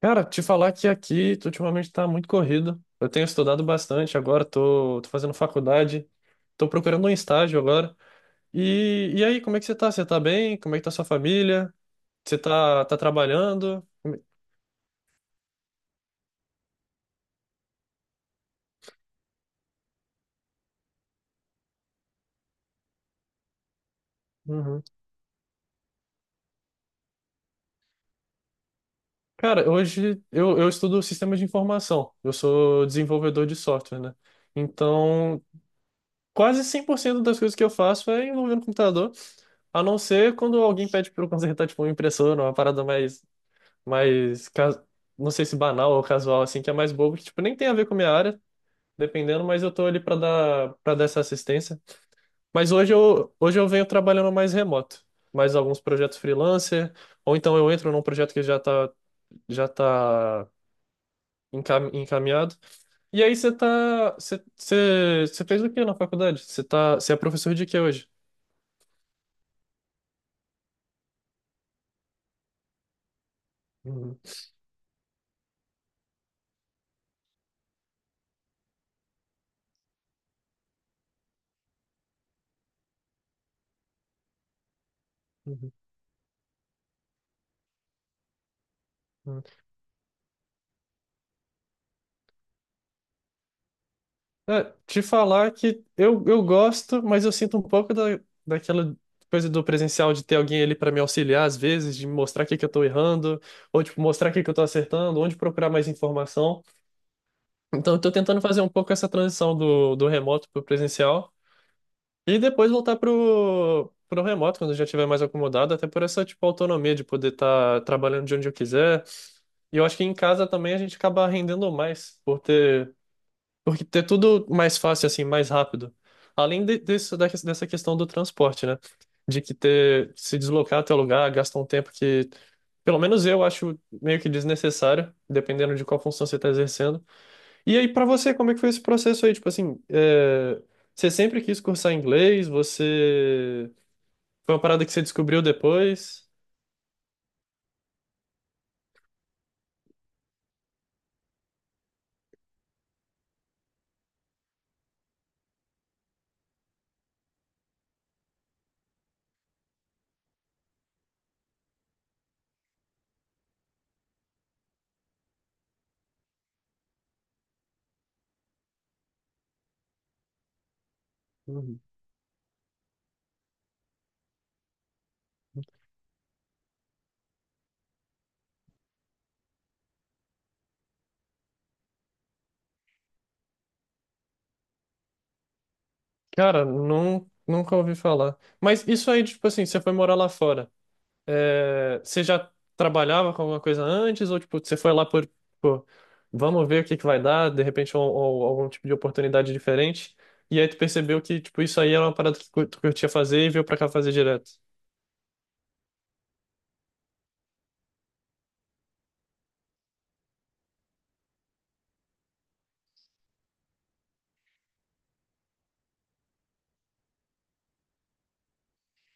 Cara, te falar que aqui tu ultimamente tá muito corrido. Eu tenho estudado bastante agora, tô fazendo faculdade, tô procurando um estágio agora. E aí, como é que você tá? Você tá bem? Como é que tá sua família? Você tá trabalhando? Uhum. Cara, hoje eu estudo sistemas de informação. Eu sou desenvolvedor de software, né? Então, quase 100% das coisas que eu faço é envolvendo computador, a não ser quando alguém pede para eu consertar, tipo, uma impressora, uma parada mais mais, ca- não sei se banal ou casual, assim, que é mais bobo, que, tipo, nem tem a ver com a minha área, dependendo, mas eu tô ali pra para dar essa assistência. Mas hoje eu venho trabalhando mais remoto, mais alguns projetos freelancer, ou então eu entro num projeto que já tá encaminhado. E aí você tá, você, você, você fez o que na faculdade? Você tá, você é professor de quê hoje? Uhum, uhum, uhum. É, te falar que eu gosto, mas eu sinto um pouco daquela coisa do presencial de ter alguém ali para me auxiliar às vezes, de mostrar o que que eu tô errando, ou tipo, mostrar o que que eu tô acertando, onde procurar mais informação. Então eu tô tentando fazer um pouco essa transição do remoto pro presencial e depois voltar pro remoto quando eu já estiver mais acomodado, até por essa tipo autonomia de poder estar trabalhando de onde eu quiser. E eu acho que em casa também a gente acaba rendendo mais porque é tudo mais fácil, assim, mais rápido. Além dessa questão do transporte, né? De que ter, se deslocar até o lugar gasta um tempo que, pelo menos eu acho meio que desnecessário, dependendo de qual função você está exercendo. E aí, para você, como é que foi esse processo aí? Tipo assim, é, você sempre quis cursar inglês? Você. Foi uma parada que você descobriu depois? Uhum. Cara, não, nunca ouvi falar. Mas isso aí, tipo assim, você foi morar lá fora. É, você já trabalhava com alguma coisa antes ou tipo você foi lá por, tipo, vamos ver o que que vai dar, de repente algum tipo de oportunidade diferente e aí tu percebeu que tipo isso aí era uma parada que tu curtia fazer e veio pra cá fazer direto.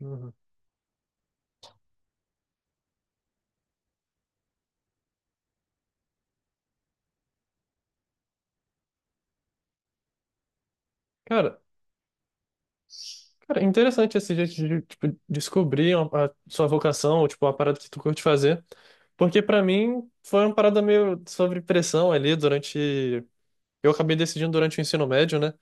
Uhum. Cara, cara, interessante esse jeito de tipo, descobrir a sua vocação ou tipo uma parada que tu curte fazer, porque pra mim foi uma parada meio sobre pressão ali durante eu acabei decidindo durante o ensino médio, né?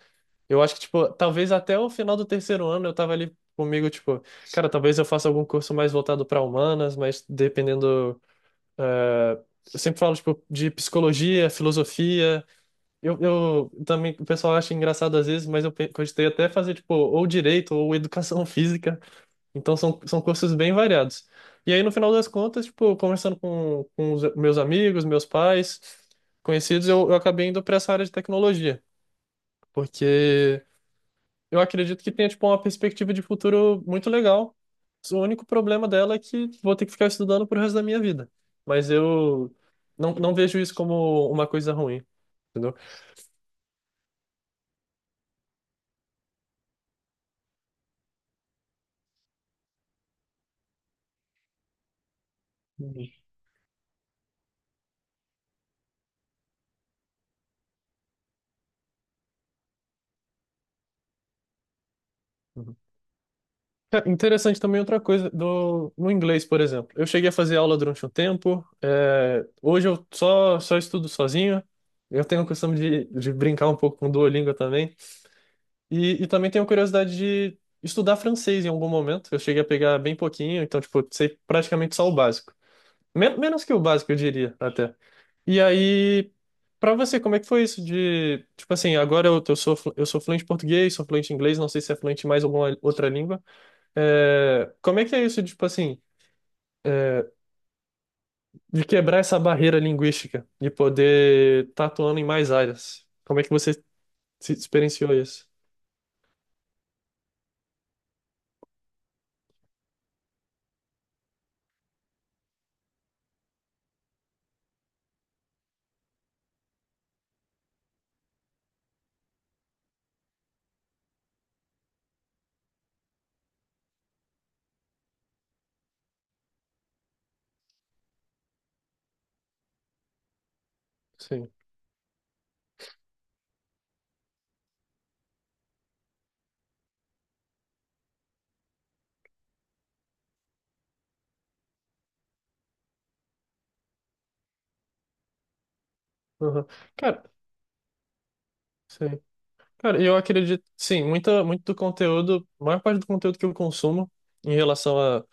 Eu acho que, tipo, talvez até o final do terceiro ano eu tava ali comigo, tipo, cara, talvez eu faça algum curso mais voltado para humanas, mas dependendo. eh, eu sempre falo, tipo, de psicologia, filosofia. Eu também, o pessoal acha engraçado às vezes, mas eu cogitei até fazer, tipo, ou direito ou educação física. Então são cursos bem variados. E aí, no final das contas, tipo, conversando com os meus amigos, meus pais, conhecidos, eu acabei indo para essa área de tecnologia. Porque. Eu acredito que tenha, tipo, uma perspectiva de futuro muito legal. O único problema dela é que vou ter que ficar estudando pro resto da minha vida. Mas eu não vejo isso como uma coisa ruim, entendeu? Uhum. É interessante também outra coisa do, no inglês, por exemplo. Eu cheguei a fazer aula durante um tempo, é, hoje eu só estudo sozinho. Eu tenho a questão de brincar um pouco com o Duolingo também. E também tenho curiosidade de estudar francês em algum momento. Eu cheguei a pegar bem pouquinho, então, tipo, sei praticamente só o básico. Menos que o básico, eu diria, até. E aí, pra você, como é que foi isso de, tipo assim, agora eu sou, eu sou fluente em português, sou fluente em inglês, não sei se é fluente em mais alguma outra língua. É, como é que é isso, tipo assim, é, de quebrar essa barreira linguística e poder estar atuando em mais áreas? Como é que você se experienciou isso? Sim. Uhum. Cara, sim. Cara, eu acredito, sim, muito do conteúdo, a maior parte do conteúdo que eu consumo em relação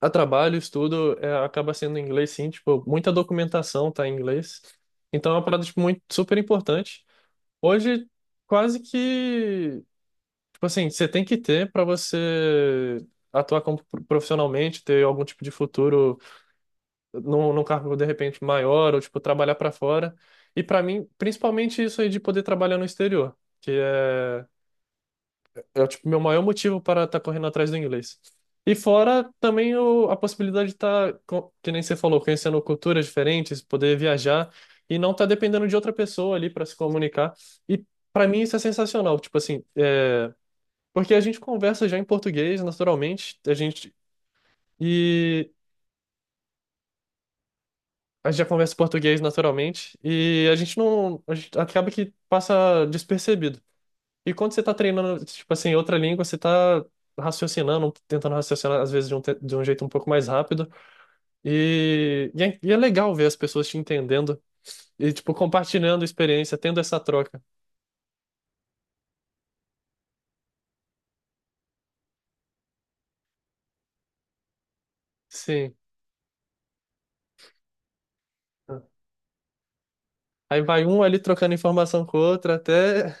a trabalho, estudo, é, acaba sendo em inglês, sim, tipo, muita documentação tá em inglês. Então é uma parada, tipo, muito, super importante. Hoje, quase que. Tipo assim, você tem que ter para você atuar como profissionalmente, ter algum tipo de futuro num cargo de repente maior, ou tipo, trabalhar para fora. E para mim, principalmente isso aí de poder trabalhar no exterior, que é, é tipo, meu maior motivo para estar correndo atrás do inglês. E fora também a possibilidade de estar, que nem você falou, conhecendo culturas diferentes, poder viajar e não estar dependendo de outra pessoa ali para se comunicar. E para mim isso é sensacional. Tipo assim, é. Porque a gente conversa já em português naturalmente, e a gente já conversa em português naturalmente e a gente não a gente acaba que passa despercebido. E quando você tá treinando, tipo assim, outra língua, você tá raciocinando, tentando raciocinar às vezes de de um jeito um pouco mais rápido e é legal ver as pessoas te entendendo e tipo compartilhando experiência, tendo essa troca. Sim. Aí vai um ali trocando informação com o outro até.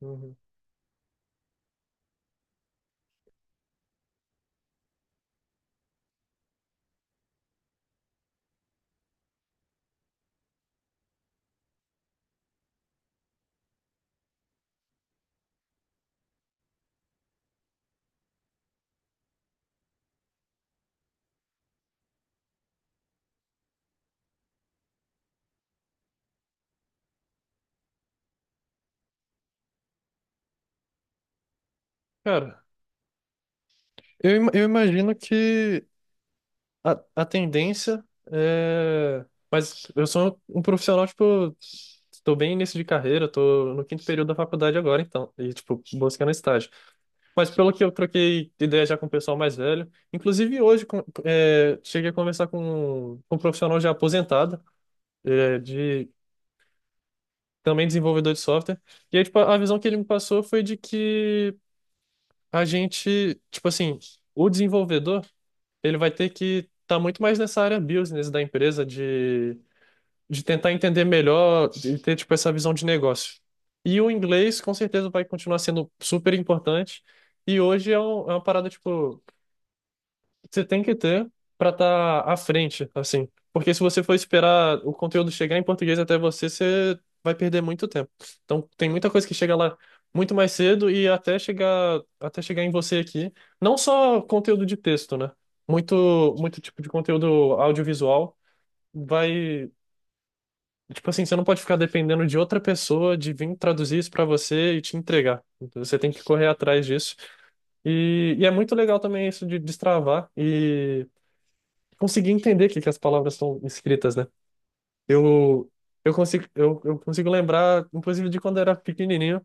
Uhum. Cara, eu imagino que a tendência é. Mas eu sou um profissional, tipo, estou bem início de carreira, estou no quinto período da faculdade agora, então, e, tipo, buscando estágio. Mas pelo que eu troquei ideia já com o pessoal mais velho, inclusive hoje é, cheguei a conversar com um profissional já aposentado, é, de, também desenvolvedor de software, e aí, tipo, a visão que ele me passou foi de que a gente, tipo assim, o desenvolvedor, ele vai ter que estar muito mais nessa área business da empresa, de tentar entender melhor e ter, tipo, essa visão de negócio. E o inglês, com certeza, vai continuar sendo super importante. E hoje é, é uma parada, tipo, que você tem que ter para estar à frente, assim. Porque se você for esperar o conteúdo chegar em português até você, você vai perder muito tempo. Então, tem muita coisa que chega lá muito mais cedo e até até chegar em você aqui. Não só conteúdo de texto, né? Muito, muito tipo de conteúdo audiovisual vai. Tipo assim, você não pode ficar dependendo de outra pessoa de vir traduzir isso pra você e te entregar. Então, você tem que correr atrás disso. E é muito legal também isso de destravar e conseguir entender o que, que as palavras estão escritas, né? Eu, eu consigo lembrar, inclusive, de quando eu era pequenininho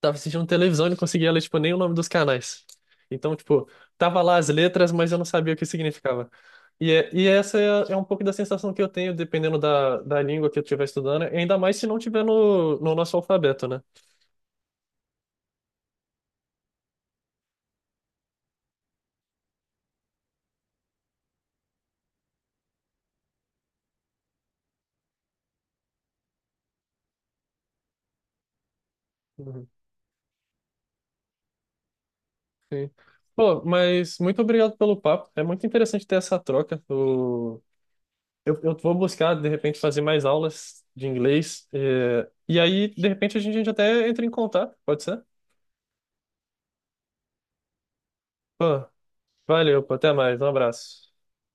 tava assistindo televisão e não conseguia ler, tipo, nem o nome dos canais. Então, tipo, tava lá as letras, mas eu não sabia o que significava. E, e essa é, é um pouco da sensação que eu tenho, dependendo da língua que eu estiver estudando, ainda mais se não tiver no nosso alfabeto, né? Uhum, sim. Pô, mas muito obrigado pelo papo. É muito interessante ter essa troca. O... Eu vou buscar, de repente, fazer mais aulas de inglês. E, aí, de repente, a gente até entra em contato, pode ser? Pô, valeu, pô, até mais. Um abraço.